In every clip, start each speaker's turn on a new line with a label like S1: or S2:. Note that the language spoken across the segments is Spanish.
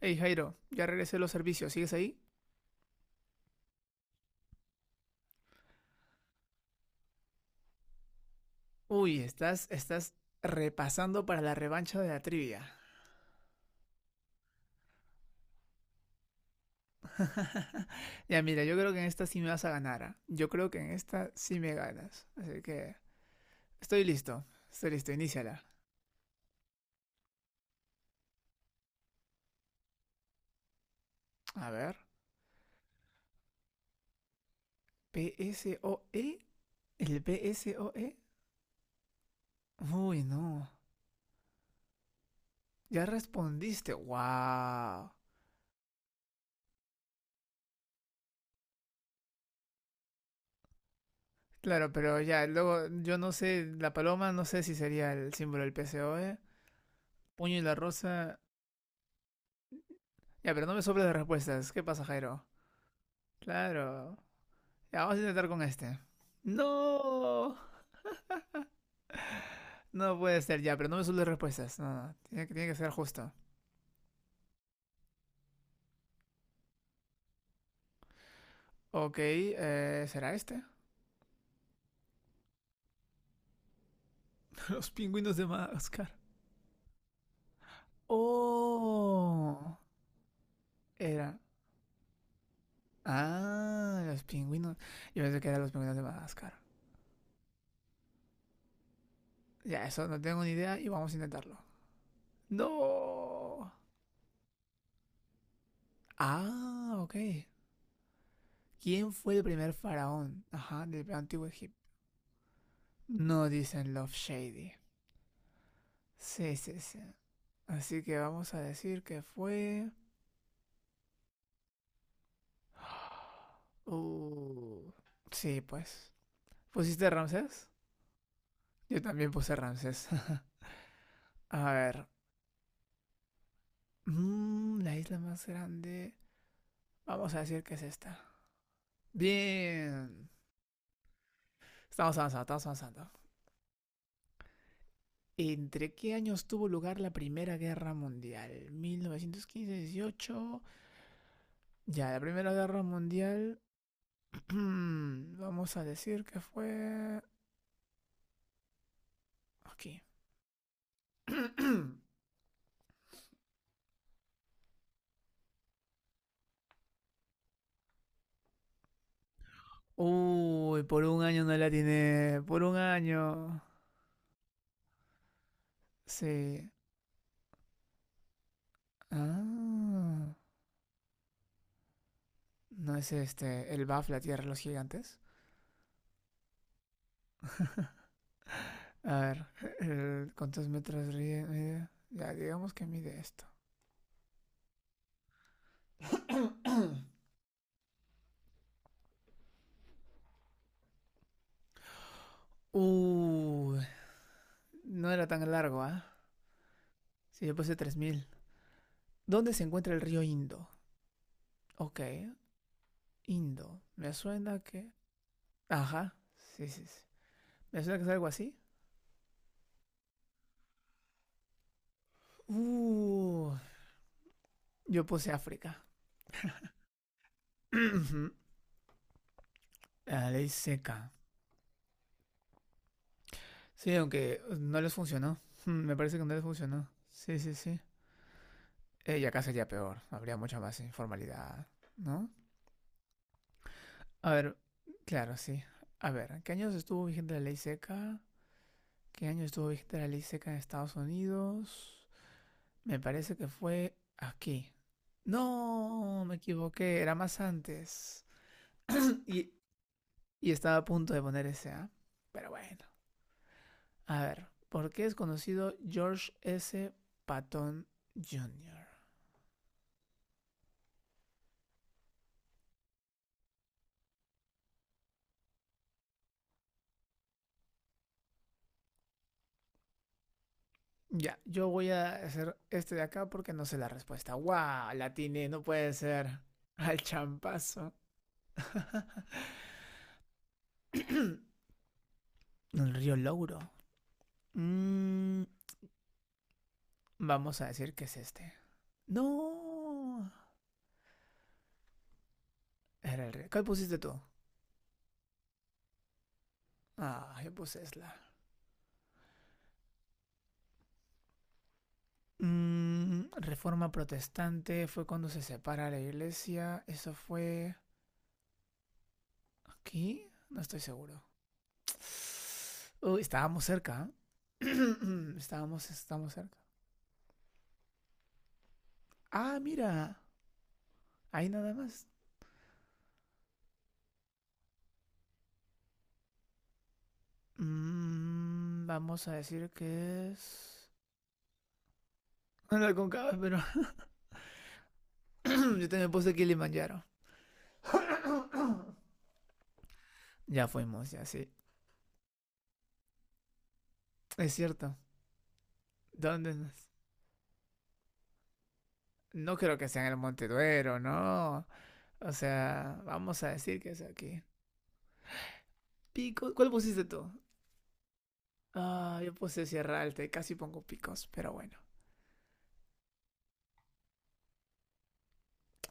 S1: Hey Jairo, ya regresé a los servicios, ¿sigues ahí? Uy, estás repasando para la revancha de la trivia. Ya mira, yo creo que en esta sí me vas a ganar. ¿Ah? Yo creo que en esta sí me ganas. Así que estoy listo, iníciala. A ver, P S O E, el P S O E. Uy, no, ya respondiste, wow. Claro, pero ya, luego yo no sé, la paloma no sé si sería el símbolo del P S O E. Puño y la rosa. Ya, pero no me sobres de respuestas. ¿Qué pasa, Jairo? Claro. Ya, vamos a intentar con este. No. No puede ser ya, pero no me suelen respuestas. No, no. Tiene que ser justo. Ok, ¿será este? Los pingüinos de Madagascar. Oh. Era. Ah, los pingüinos. Yo pensé que eran los pingüinos de Madagascar. Ya, eso no tengo ni idea y vamos a intentarlo. No. Ah, ok. ¿Quién fue el primer faraón? Ajá, del antiguo Egipto. No dicen Love Shady. Sí, sí, sí. Así que vamos a decir que fue... Uh, sí, pues. ¿Pusiste Ramsés? Yo también puse Ramsés. A ver. Mm, la isla más grande. Vamos a decir que es esta. Bien. Estamos avanzando. ¿Entre qué años tuvo lugar la Primera Guerra Mundial? 1915-18. Ya, la Primera Guerra Mundial. Vamos a decir que fue. Aquí. Uy, por un año no la tiene. Por un año. Sí. Ah. ¿No es este el BAF, la Tierra de los Gigantes? A ver, ¿ mide? Ya, digamos que mide esto. Uh, no era tan largo, ¿ah? Sí, yo puse 3000. ¿Dónde se encuentra el río Indo? Ok, Indo. Me suena que... Ajá, sí, sí, sí. Me suena que es algo así. Uh, yo puse África. La ley seca. Sí, aunque no les funcionó. Mm, me parece que no les funcionó. Sí, sí, sí. Y acá sería peor. Habría mucha más informalidad, ¿no? A ver, claro, sí. A ver, ¿qué años estuvo vigente la ley seca? ¿Qué año estuvo vigente la ley seca en Estados Unidos? Me parece que fue aquí. No, me equivoqué. Era más antes. Y, y estaba a punto de poner ese, ¿ah? Pero bueno. A ver, ¿por qué es conocido George S. Patton Jr.? Ya, yo voy a hacer este de acá porque no sé la respuesta. ¡Guau! La atiné, no puede ser. Al champazo. El río Louro. Mm, vamos a decir que es este. ¡No! Era el río. ¿Cuál pusiste tú? Ah, yo puse Esla. Mm, reforma protestante fue cuando se separa la iglesia. Eso fue aquí. No estoy seguro. Uy, estábamos cerca. ¿Eh? Estábamos cerca. Ah, mira. Ahí nada más. Mm, vamos a decir que es. No la concaba, pero yo también puse Kilimanjaro. Ya fuimos, ya sí. Es cierto. ¿Dónde más? No creo que sea en el Monte Duero, no. O sea, vamos a decir que es aquí. Pico. ¿Cuál pusiste tú? Ah, yo puse Sierra Alta y casi pongo picos, pero bueno.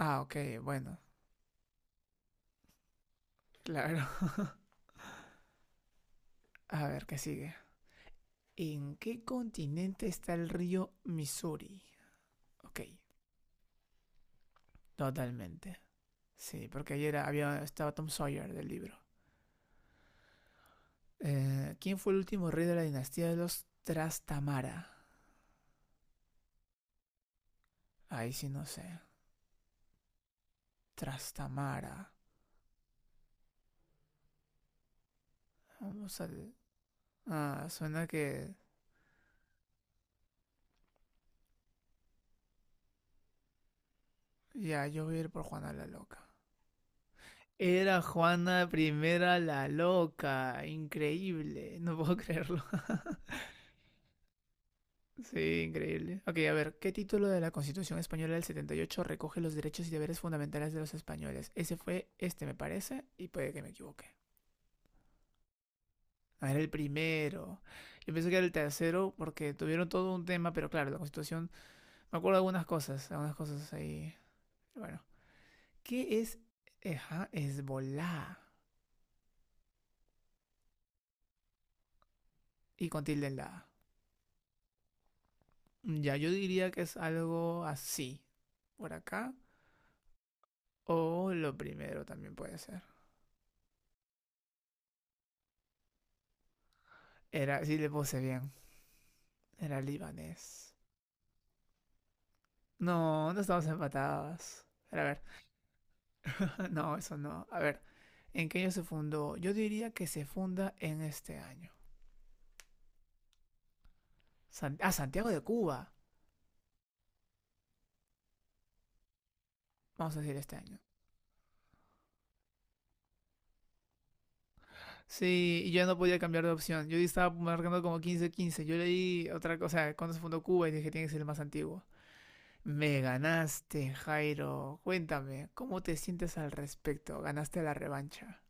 S1: Ah, ok, bueno, claro. A ver, ¿qué sigue? ¿En qué continente está el río Missouri? Ok. Totalmente. Sí, porque ayer había, estaba Tom Sawyer del libro. ¿Quién fue el último rey de la dinastía de los Trastamara? Ahí sí no sé. Trastamara. Vamos a... Ah, suena que... Ya, yo voy a ir por Juana la Loca. Era Juana Primera la Loca. Increíble. No puedo creerlo. Sí, increíble. Ok, a ver. ¿Qué título de la Constitución Española del 78 recoge los derechos y deberes fundamentales de los españoles? Ese fue este, me parece, y puede que me equivoque. Ah, era el primero. Yo pensé que era el tercero porque tuvieron todo un tema, pero claro, la constitución. Me acuerdo de algunas cosas ahí. Bueno, ¿qué es Eja, Hezbollah? Y con tilde en la A. Ya, yo diría que es algo así. Por acá. O lo primero también puede ser. Era, sí le puse bien. Era libanés. No, no estamos empatadas. A ver, no, eso no. A ver, ¿en qué año se fundó? Yo diría que se funda en este año. San- ah, Santiago de Cuba. Vamos a decir este año. Sí, y yo no podía cambiar de opción. Yo estaba marcando como 1515. Yo leí otra cosa, cuando se fundó Cuba y dije, tiene que ser el más antiguo. Me ganaste, Jairo. Cuéntame, ¿cómo te sientes al respecto? Ganaste la revancha.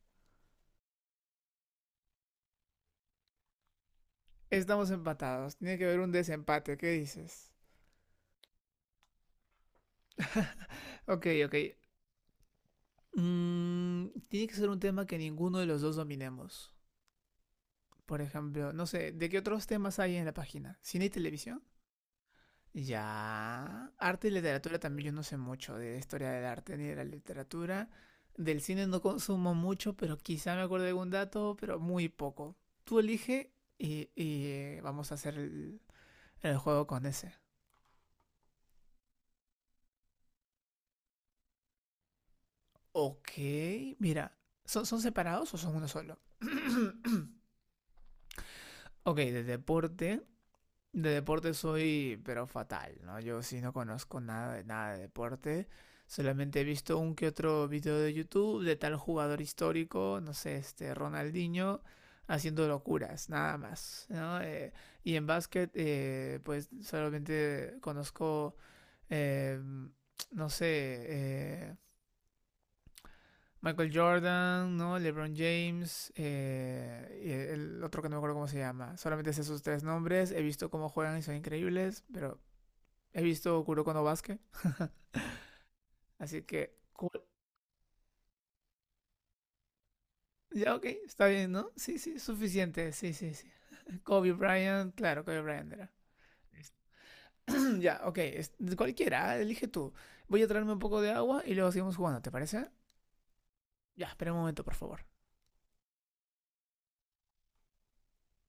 S1: Estamos empatados. Tiene que haber un desempate. ¿Qué dices? Ok, ok. Mm, tiene que ser un tema que ninguno de los dos dominemos. Por ejemplo, no sé, ¿de qué otros temas hay en la página? ¿Cine y televisión? Ya. Arte y literatura también, yo no sé mucho de historia del arte ni de la literatura. Del cine no consumo mucho, pero quizá me acuerdo de algún dato, pero muy poco. Tú elige y, vamos a hacer el juego con ese. Ok, mira. ¿Son separados o son uno solo? Ok, de deporte. De deporte soy, pero fatal, ¿no? Yo sí no conozco nada de nada de deporte. Solamente he visto un que otro video de YouTube de tal jugador histórico, no sé, este Ronaldinho, haciendo locuras, nada más, ¿no? Y en básquet, pues solamente conozco, eh, no sé, eh, Michael Jordan, ¿no? LeBron James, y el otro que no me acuerdo cómo se llama. Solamente sé sus tres nombres, he visto cómo juegan y son increíbles, pero he visto Kuroko no Basket, así que... Ku- ya, ok, está bien, ¿no? Sí, sí, suficiente, sí, sí, sí. Kobe Bryant, claro, Kobe Bryant era. Ya, ok, es- cualquiera, elige tú. Voy a traerme un poco de agua y luego seguimos jugando, ¿te parece? Ya, espera un momento, por favor.